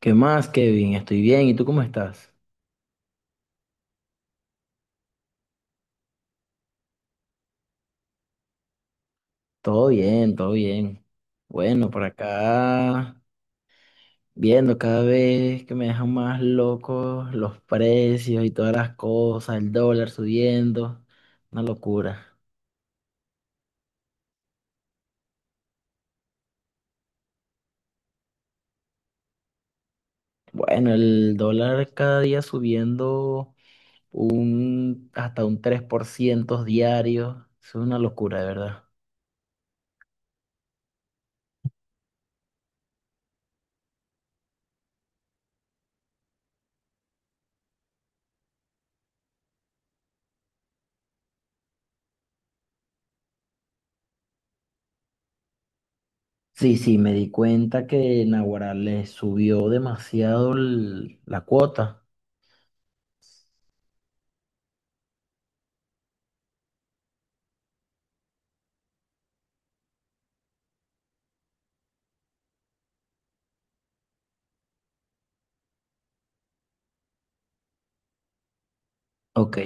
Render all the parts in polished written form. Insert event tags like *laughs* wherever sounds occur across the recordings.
¿Qué más, Kevin? Estoy bien. ¿Y tú cómo estás? Todo bien, todo bien. Bueno, por acá, viendo cada vez que me dejan más locos los precios y todas las cosas, el dólar subiendo, una locura. Bueno, el dólar cada día subiendo un, hasta un 3% diario, es una locura, de verdad. Sí, sí, me di cuenta que Naguará le subió demasiado la cuota. Ok,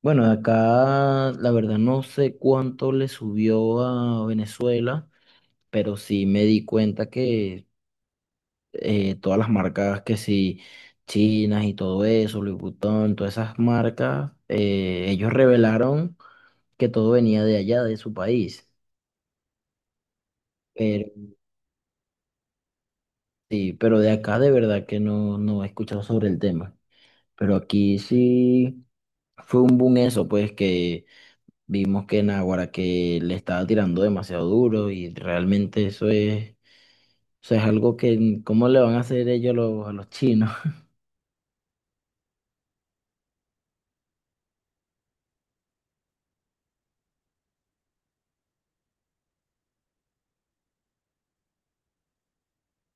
bueno, acá la verdad no sé cuánto le subió a Venezuela, pero sí me di cuenta que todas las marcas que sí, chinas y todo eso, Louis Vuitton, todas esas marcas, ellos revelaron que todo venía de allá, de su país. Pero sí, pero de acá de verdad que no he escuchado sobre el tema. Pero aquí sí fue un boom eso, pues que vimos que Naguará que le estaba tirando demasiado duro y realmente eso es algo que, ¿cómo le van a hacer ellos a a los chinos? *laughs*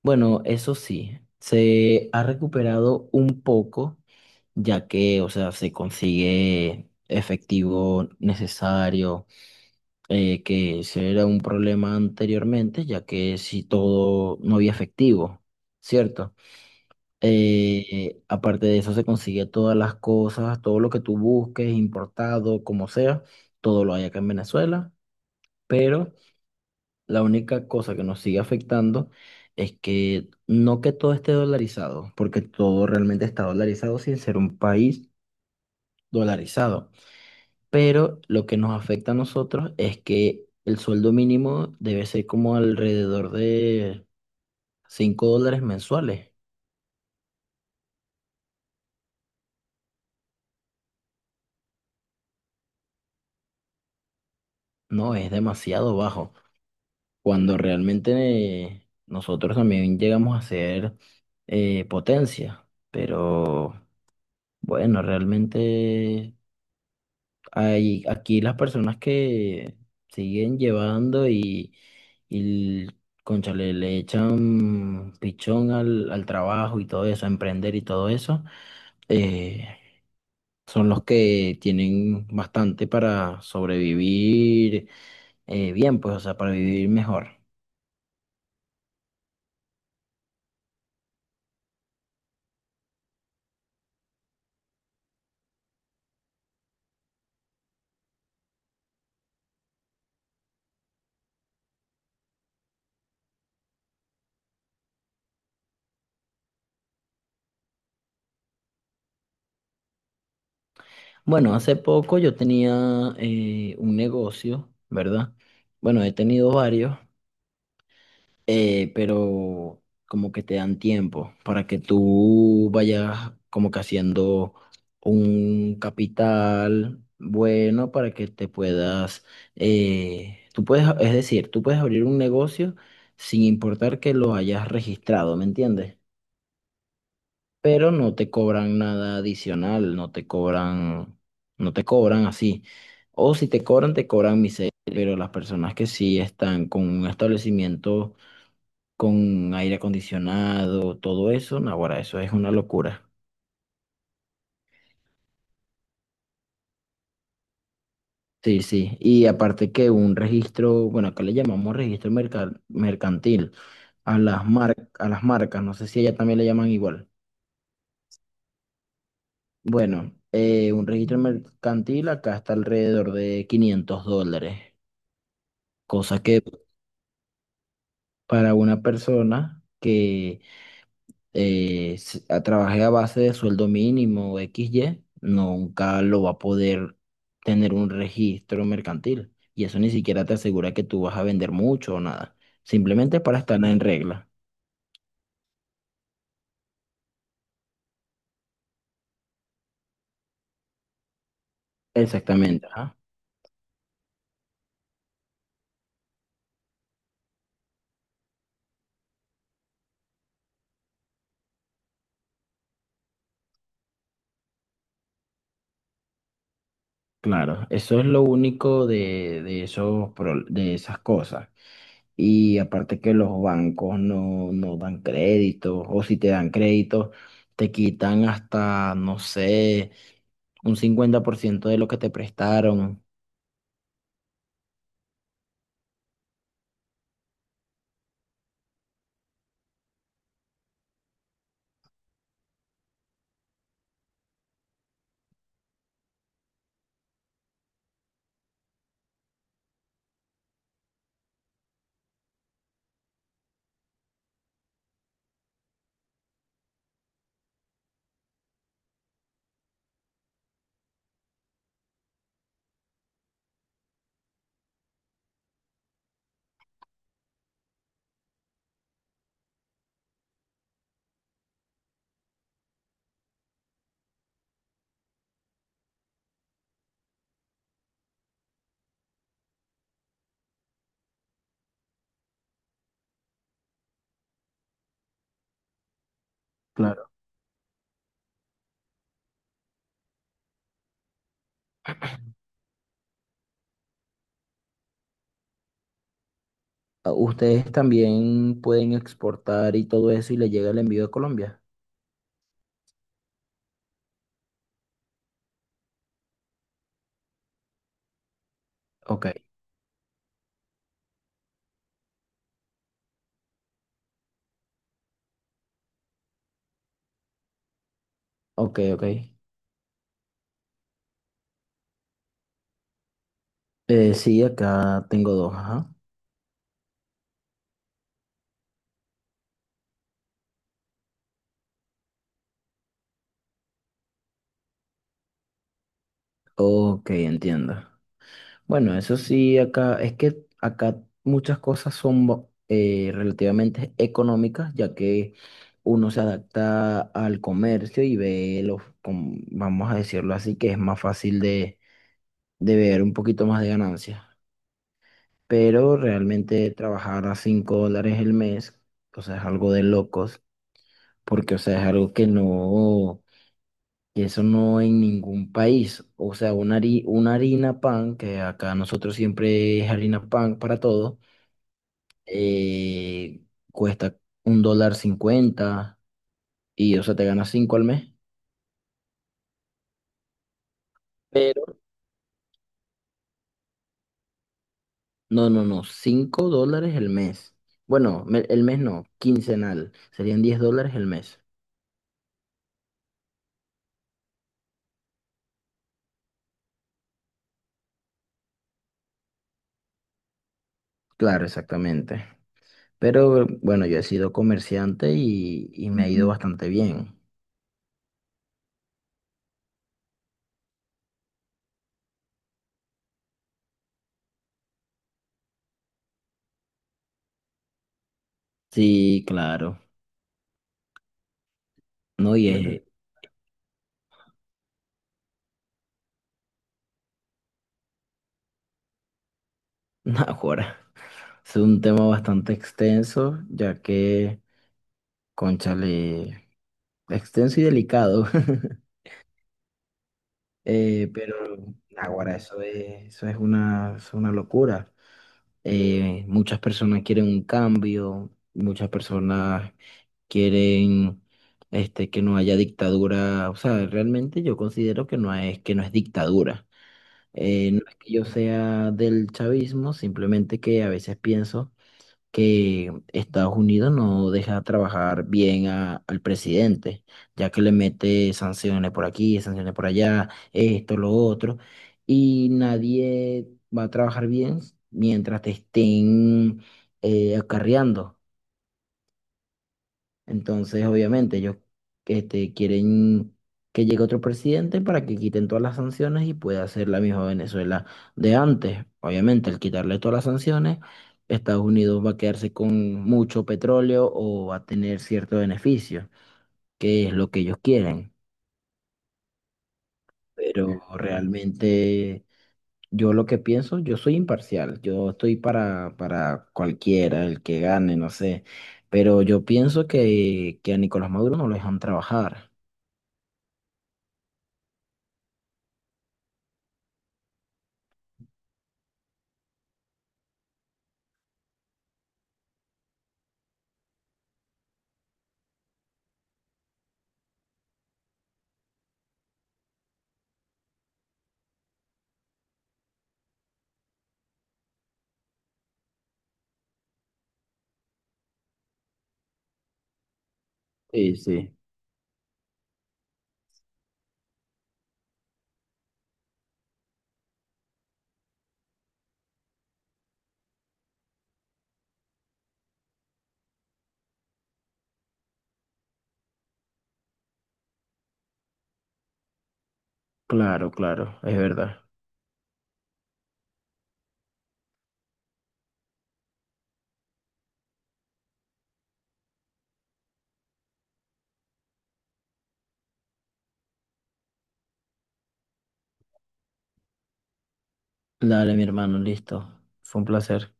Bueno, eso sí, se ha recuperado un poco, ya que, o sea, se consigue efectivo necesario, que ese era un problema anteriormente, ya que si todo no había efectivo, ¿cierto? Aparte de eso, se consigue todas las cosas, todo lo que tú busques, importado, como sea, todo lo hay acá en Venezuela, pero la única cosa que nos sigue afectando es que no que todo esté dolarizado, porque todo realmente está dolarizado sin ser un país dolarizado, pero lo que nos afecta a nosotros es que el sueldo mínimo debe ser como alrededor de $5 mensuales, no, es demasiado bajo. Cuando realmente nosotros también llegamos a ser potencia, pero bueno, realmente hay aquí las personas que siguen llevando y cónchale, le echan pichón al trabajo y todo eso, a emprender y todo eso, eh, son los que tienen bastante para sobrevivir, bien, pues, o sea, para vivir mejor. Bueno, hace poco yo tenía un negocio, ¿verdad? Bueno, he tenido varios, pero como que te dan tiempo para que tú vayas como que haciendo un capital bueno para que te puedas, es decir, tú puedes abrir un negocio sin importar que lo hayas registrado, ¿me entiendes? Pero no te cobran nada adicional, no te cobran así. O si te cobran, te cobran miseria, pero las personas que sí están con un establecimiento con aire acondicionado, todo eso, no, ahora eso es una locura. Sí, sí. Y aparte que un registro, bueno, acá le llamamos mercantil a a las marcas, no sé si ella también le llaman igual. Bueno, un registro mercantil acá está alrededor de $500. Cosa que para una persona que trabaje a base de sueldo mínimo o X y nunca lo va a poder tener un registro mercantil. Y eso ni siquiera te asegura que tú vas a vender mucho o nada. Simplemente para estar en regla. Exactamente, ajá. Claro, eso es lo único esos, de esas cosas. Y aparte que los bancos no, no dan créditos, o si te dan créditos, te quitan hasta, no sé, un 50% de lo que te prestaron. Claro. Ah, ustedes también pueden exportar y todo eso y le llega el envío de Colombia. Ok, ok. Sí, acá tengo dos, ajá. Ok, entiendo. Bueno, eso sí, acá es que acá muchas cosas son relativamente económicas, ya que uno se adapta al comercio y ve vamos a decirlo así, que es más fácil de ver un poquito más de ganancias. Pero realmente trabajar a $5 el mes, o sea, es algo de locos, porque, o sea, es algo que no, que eso no en ningún país. O sea, una harina pan, que acá nosotros siempre es harina pan para todo eh, cuesta $1.50 y, o sea, te ganas cinco al mes. Pero no, no, no, $5 el mes. Bueno, el mes no, quincenal. Serían $10 el mes. Claro, exactamente. Pero bueno, yo he sido comerciante y me ha ido bastante bien. Sí, claro. No, y es, *laughs* ahora, es un tema bastante extenso, ya que, cónchale, extenso y delicado. *laughs* Pero ahora eso es una locura. Muchas personas quieren un cambio, muchas personas quieren este, que no haya dictadura. O sea, realmente yo considero que que no es dictadura. No es que yo sea del chavismo, simplemente que a veces pienso que Estados Unidos no deja trabajar bien al presidente, ya que le mete sanciones por aquí, sanciones por allá, esto, lo otro, y nadie va a trabajar bien mientras te estén acarreando. Entonces, obviamente, ellos este, quieren que llegue otro presidente para que quiten todas las sanciones y pueda hacer la misma Venezuela de antes. Obviamente, al quitarle todas las sanciones, Estados Unidos va a quedarse con mucho petróleo o va a tener cierto beneficio, que es lo que ellos quieren. Pero realmente yo lo que pienso, yo soy imparcial, yo estoy para cualquiera, el que gane, no sé. Pero yo pienso que a Nicolás Maduro no lo dejan trabajar. Sí, sí, claro, claro, es verdad. Dale, mi hermano, listo. Fue un placer.